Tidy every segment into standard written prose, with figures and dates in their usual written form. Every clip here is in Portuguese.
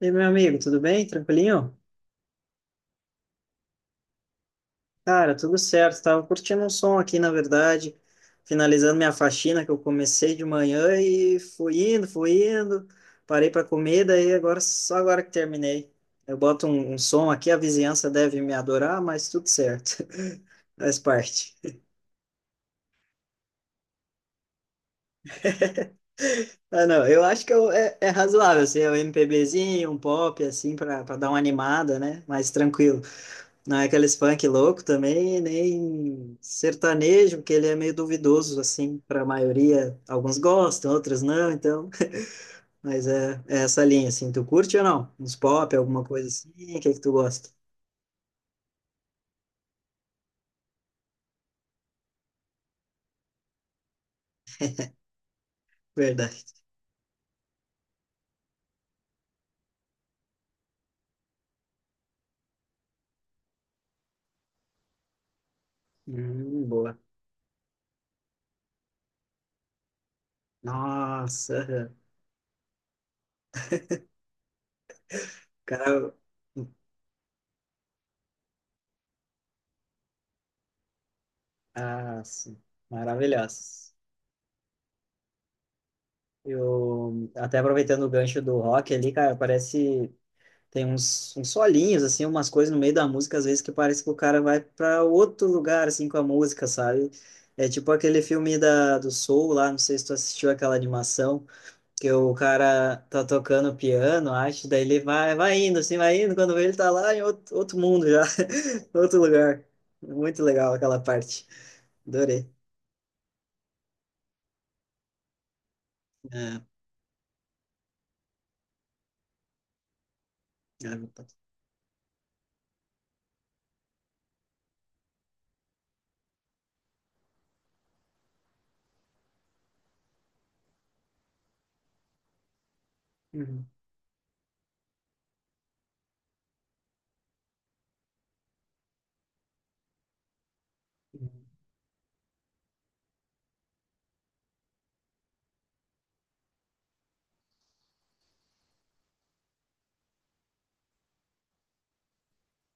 E aí, meu amigo, tudo bem? Tranquilinho? Cara, tudo certo. Tava curtindo um som aqui, na verdade, finalizando minha faxina que eu comecei de manhã e fui indo, fui indo. Parei para comer, daí agora só agora que terminei. Eu boto um som aqui, a vizinhança deve me adorar, mas tudo certo. Faz parte. Ah, não, eu acho que é razoável, assim, é um MPBzinho, um pop, assim, para dar uma animada, né? Mais tranquilo. Não é aqueles funk louco também, nem sertanejo, porque ele é meio duvidoso, assim, para a maioria. Alguns gostam, outros não, então. Mas é essa linha, assim. Tu curte ou não? Uns pop, alguma coisa assim? O que é que tu gosta? Verdade. Boa. Nossa, aham. Cara. Ah, sim. Maravilhosa. Eu, até aproveitando o gancho do rock ali, cara, parece. Tem uns solinhos, assim, umas coisas no meio da música, às vezes, que parece que o cara vai para outro lugar, assim, com a música, sabe? É tipo aquele filme do Soul lá, não sei se tu assistiu aquela animação, que o cara tá tocando piano, acho, daí ele vai, vai indo, assim, vai indo, quando vê ele tá lá em outro, outro mundo já, outro lugar. Muito legal aquela parte. Adorei. É, é, Uhum.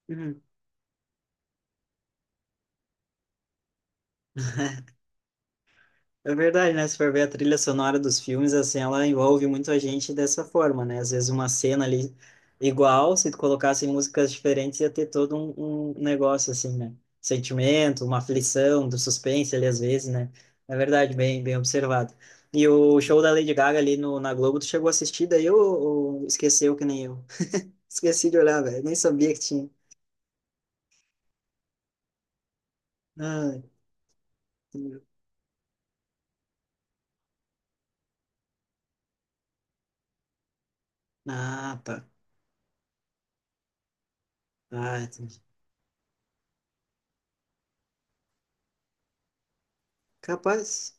Uhum. É verdade, né? Se for ver a trilha sonora dos filmes, assim, ela envolve muito a gente dessa forma, né? Às vezes uma cena ali igual, se tu colocasse músicas diferentes, ia ter todo um negócio, assim, né? Sentimento, uma aflição, do suspense ali, às vezes, né? É verdade, bem, bem observado. E o show da Lady Gaga ali no, na Globo, tu chegou a assistir daí ou esqueceu que nem eu? Esqueci de olhar, velho. Nem sabia que tinha. Ah, ah, pá. Ah, entendi. Capaz.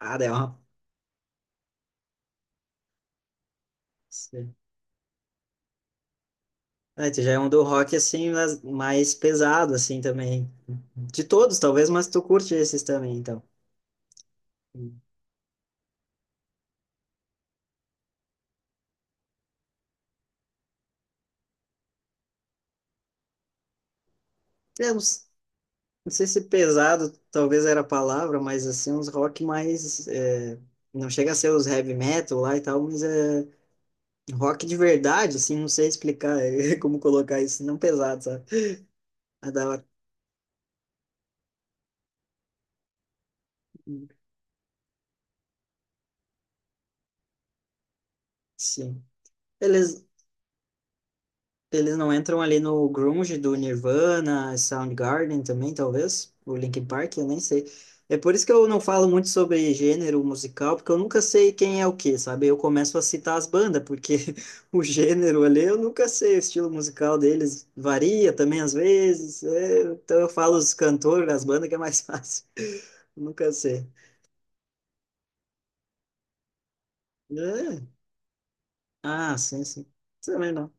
Ah, deu uma... É, tu já é um do rock assim, mas mais pesado assim também. De todos, talvez, mas tu curte esses também, então. É, uns- não sei se pesado talvez era a palavra, mas assim, uns rock mais. Não chega a ser os heavy metal lá e tal, mas é rock de verdade, assim, não sei explicar como colocar isso, não pesado, sabe? Mas dava- Sim. Beleza. Eles não entram ali no grunge do Nirvana, Soundgarden também, talvez, o Linkin Park, eu nem sei. É por isso que eu não falo muito sobre gênero musical, porque eu nunca sei quem é o quê, sabe? Eu começo a citar as bandas, porque o gênero ali eu nunca sei, o estilo musical deles varia também às vezes. Então eu falo os cantores, as bandas, que é mais fácil. Nunca sei. É. Ah, sim, sim. Também não.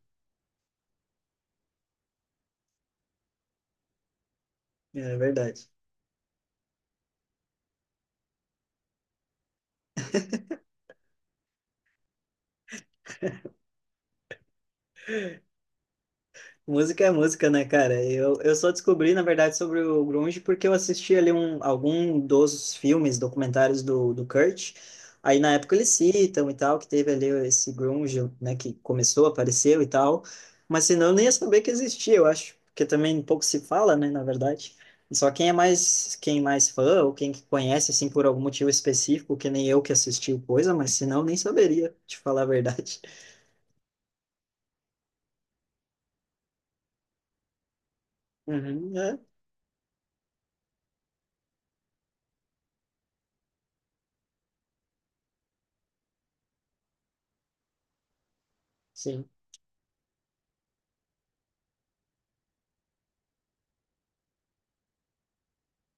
É verdade. Música é música, né, cara? Eu só descobri, na verdade, sobre o grunge porque eu assisti ali um, algum dos filmes, documentários do Kurt. Aí, na época, eles citam e tal, que teve ali esse grunge, né, que começou, apareceu e tal. Mas, senão, eu nem ia saber que existia, eu acho. Porque também pouco se fala, né, na verdade. Só quem é mais fã ou quem que conhece, assim, por algum motivo específico, que nem eu que assisti o coisa, mas, senão, eu nem saberia, te falar a verdade. Uhum, é, sim.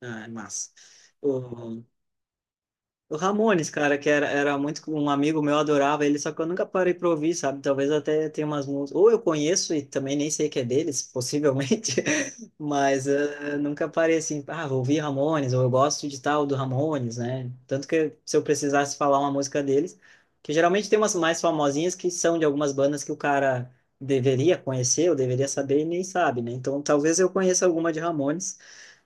Ah, é massa. O- o Ramones, cara, que era, era muito um amigo meu, adorava ele, só que eu nunca parei pra ouvir, sabe? Talvez até tenha umas músicas. Ou eu conheço e também nem sei que é deles, possivelmente, mas nunca parei assim, ah, vou ouvir Ramones, ou eu gosto de tal do Ramones, né? Tanto que se eu precisasse falar uma música deles, que geralmente tem umas mais famosinhas que são de algumas bandas que o cara deveria conhecer, ou deveria saber e nem sabe, né? Então talvez eu conheça alguma de Ramones,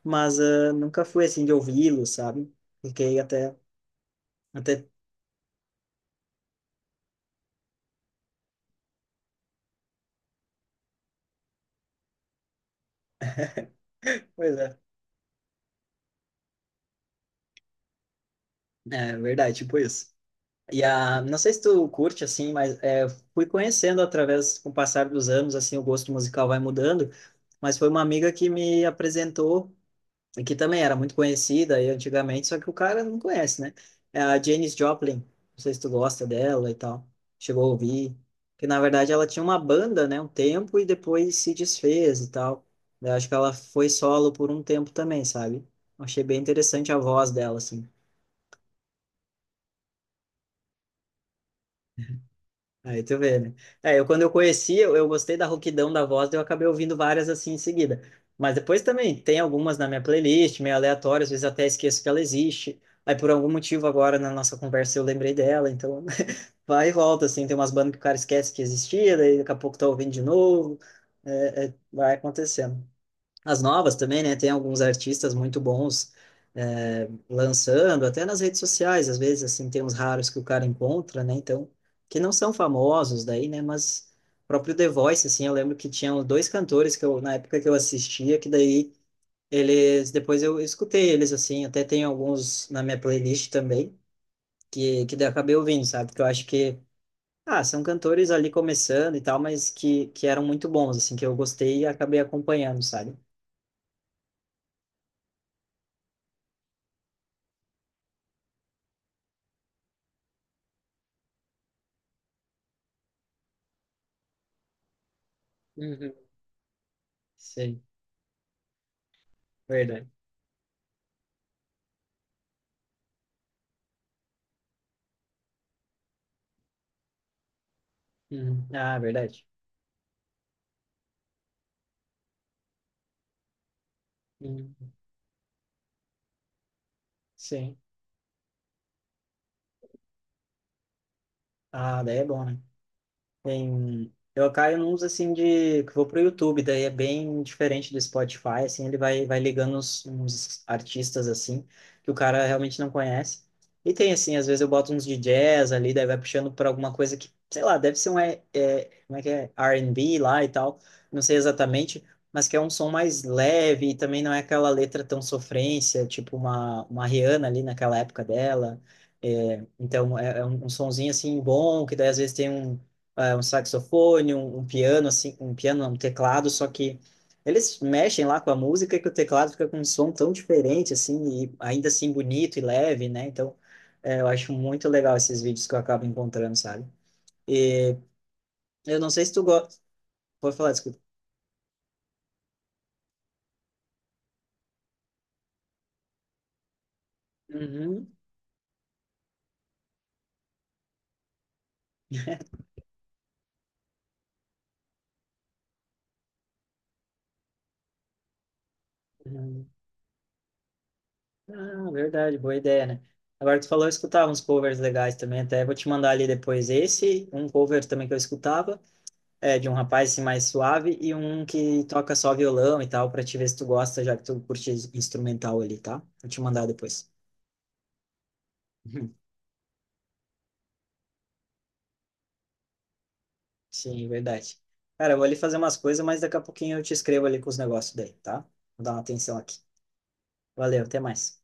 mas nunca fui assim de ouvi-lo, sabe? Fiquei até, pois é, é verdade, tipo isso. E a, não sei se tu curte assim, mas fui conhecendo através, com o passar dos anos, assim, o gosto musical vai mudando, mas foi uma amiga que me apresentou, e que também era muito conhecida aí antigamente, só que o cara não conhece, né? É a Janis Joplin, não sei se tu gosta dela e tal, chegou a ouvir, que na verdade ela tinha uma banda, né, um tempo, e depois se desfez e tal. Eu acho que ela foi solo por um tempo também, sabe? Eu achei bem interessante a voz dela, assim. Aí tu vê, né? É, eu quando eu conheci, eu gostei da rouquidão da voz, daí eu acabei ouvindo várias assim em seguida. Mas depois também tem algumas na minha playlist, meio aleatórias, às vezes até esqueço que ela existe. Aí por algum motivo agora na nossa conversa eu lembrei dela, então vai e volta, assim, tem umas bandas que o cara esquece que existia, daí daqui a pouco tá ouvindo de novo, vai acontecendo as novas também, né? Tem alguns artistas muito bons lançando, até nas redes sociais, às vezes, assim, tem uns raros que o cara encontra, né? Então, que não são famosos daí, né? Mas o próprio The Voice, assim, eu lembro que tinham dois cantores que eu, na época que eu assistia, que daí eles, depois eu escutei eles, assim, até tem alguns na minha playlist também, que daí eu acabei ouvindo, sabe? Que eu acho que, ah, são cantores ali começando e tal, mas que eram muito bons, assim, que eu gostei e acabei acompanhando, sabe? Uhum. Sei. Verdade. Uhum. Ah, verdade. Uhum. Sim. Ah, daí é bom, né? Tem... Eu caio nos assim de que vou pro YouTube, daí é bem diferente do Spotify, assim, ele vai ligando uns artistas assim que o cara realmente não conhece. E tem assim, às vezes eu boto uns de jazz ali, daí vai puxando para alguma coisa que, sei lá, deve ser um como é que é? R&B lá e tal, não sei exatamente, mas que é um som mais leve e também não é aquela letra tão sofrência, tipo uma Rihanna ali naquela época dela. É, então é um sonzinho assim bom, que daí às vezes tem um um saxofone, um piano, assim, um piano, um teclado, só que eles mexem lá com a música que o teclado fica com um som tão diferente, assim, e ainda assim bonito e leve, né? Então, eu acho muito legal esses vídeos que eu acabo encontrando, sabe? E eu não sei se tu gosta. Pode falar, desculpa. Uhum, uhum. Ah, verdade, boa ideia, né? Agora tu falou, eu escutava uns covers legais também, até vou te mandar ali depois esse, um cover também que eu escutava. É, de um rapaz assim, mais suave e um que toca só violão e tal, pra te ver se tu gosta, já que tu curte instrumental ali, tá? Vou te mandar depois. Sim, verdade. Cara, eu vou ali fazer umas coisas, mas daqui a pouquinho eu te escrevo ali com os negócios daí, tá? Vou dar uma atenção aqui. Valeu, até mais.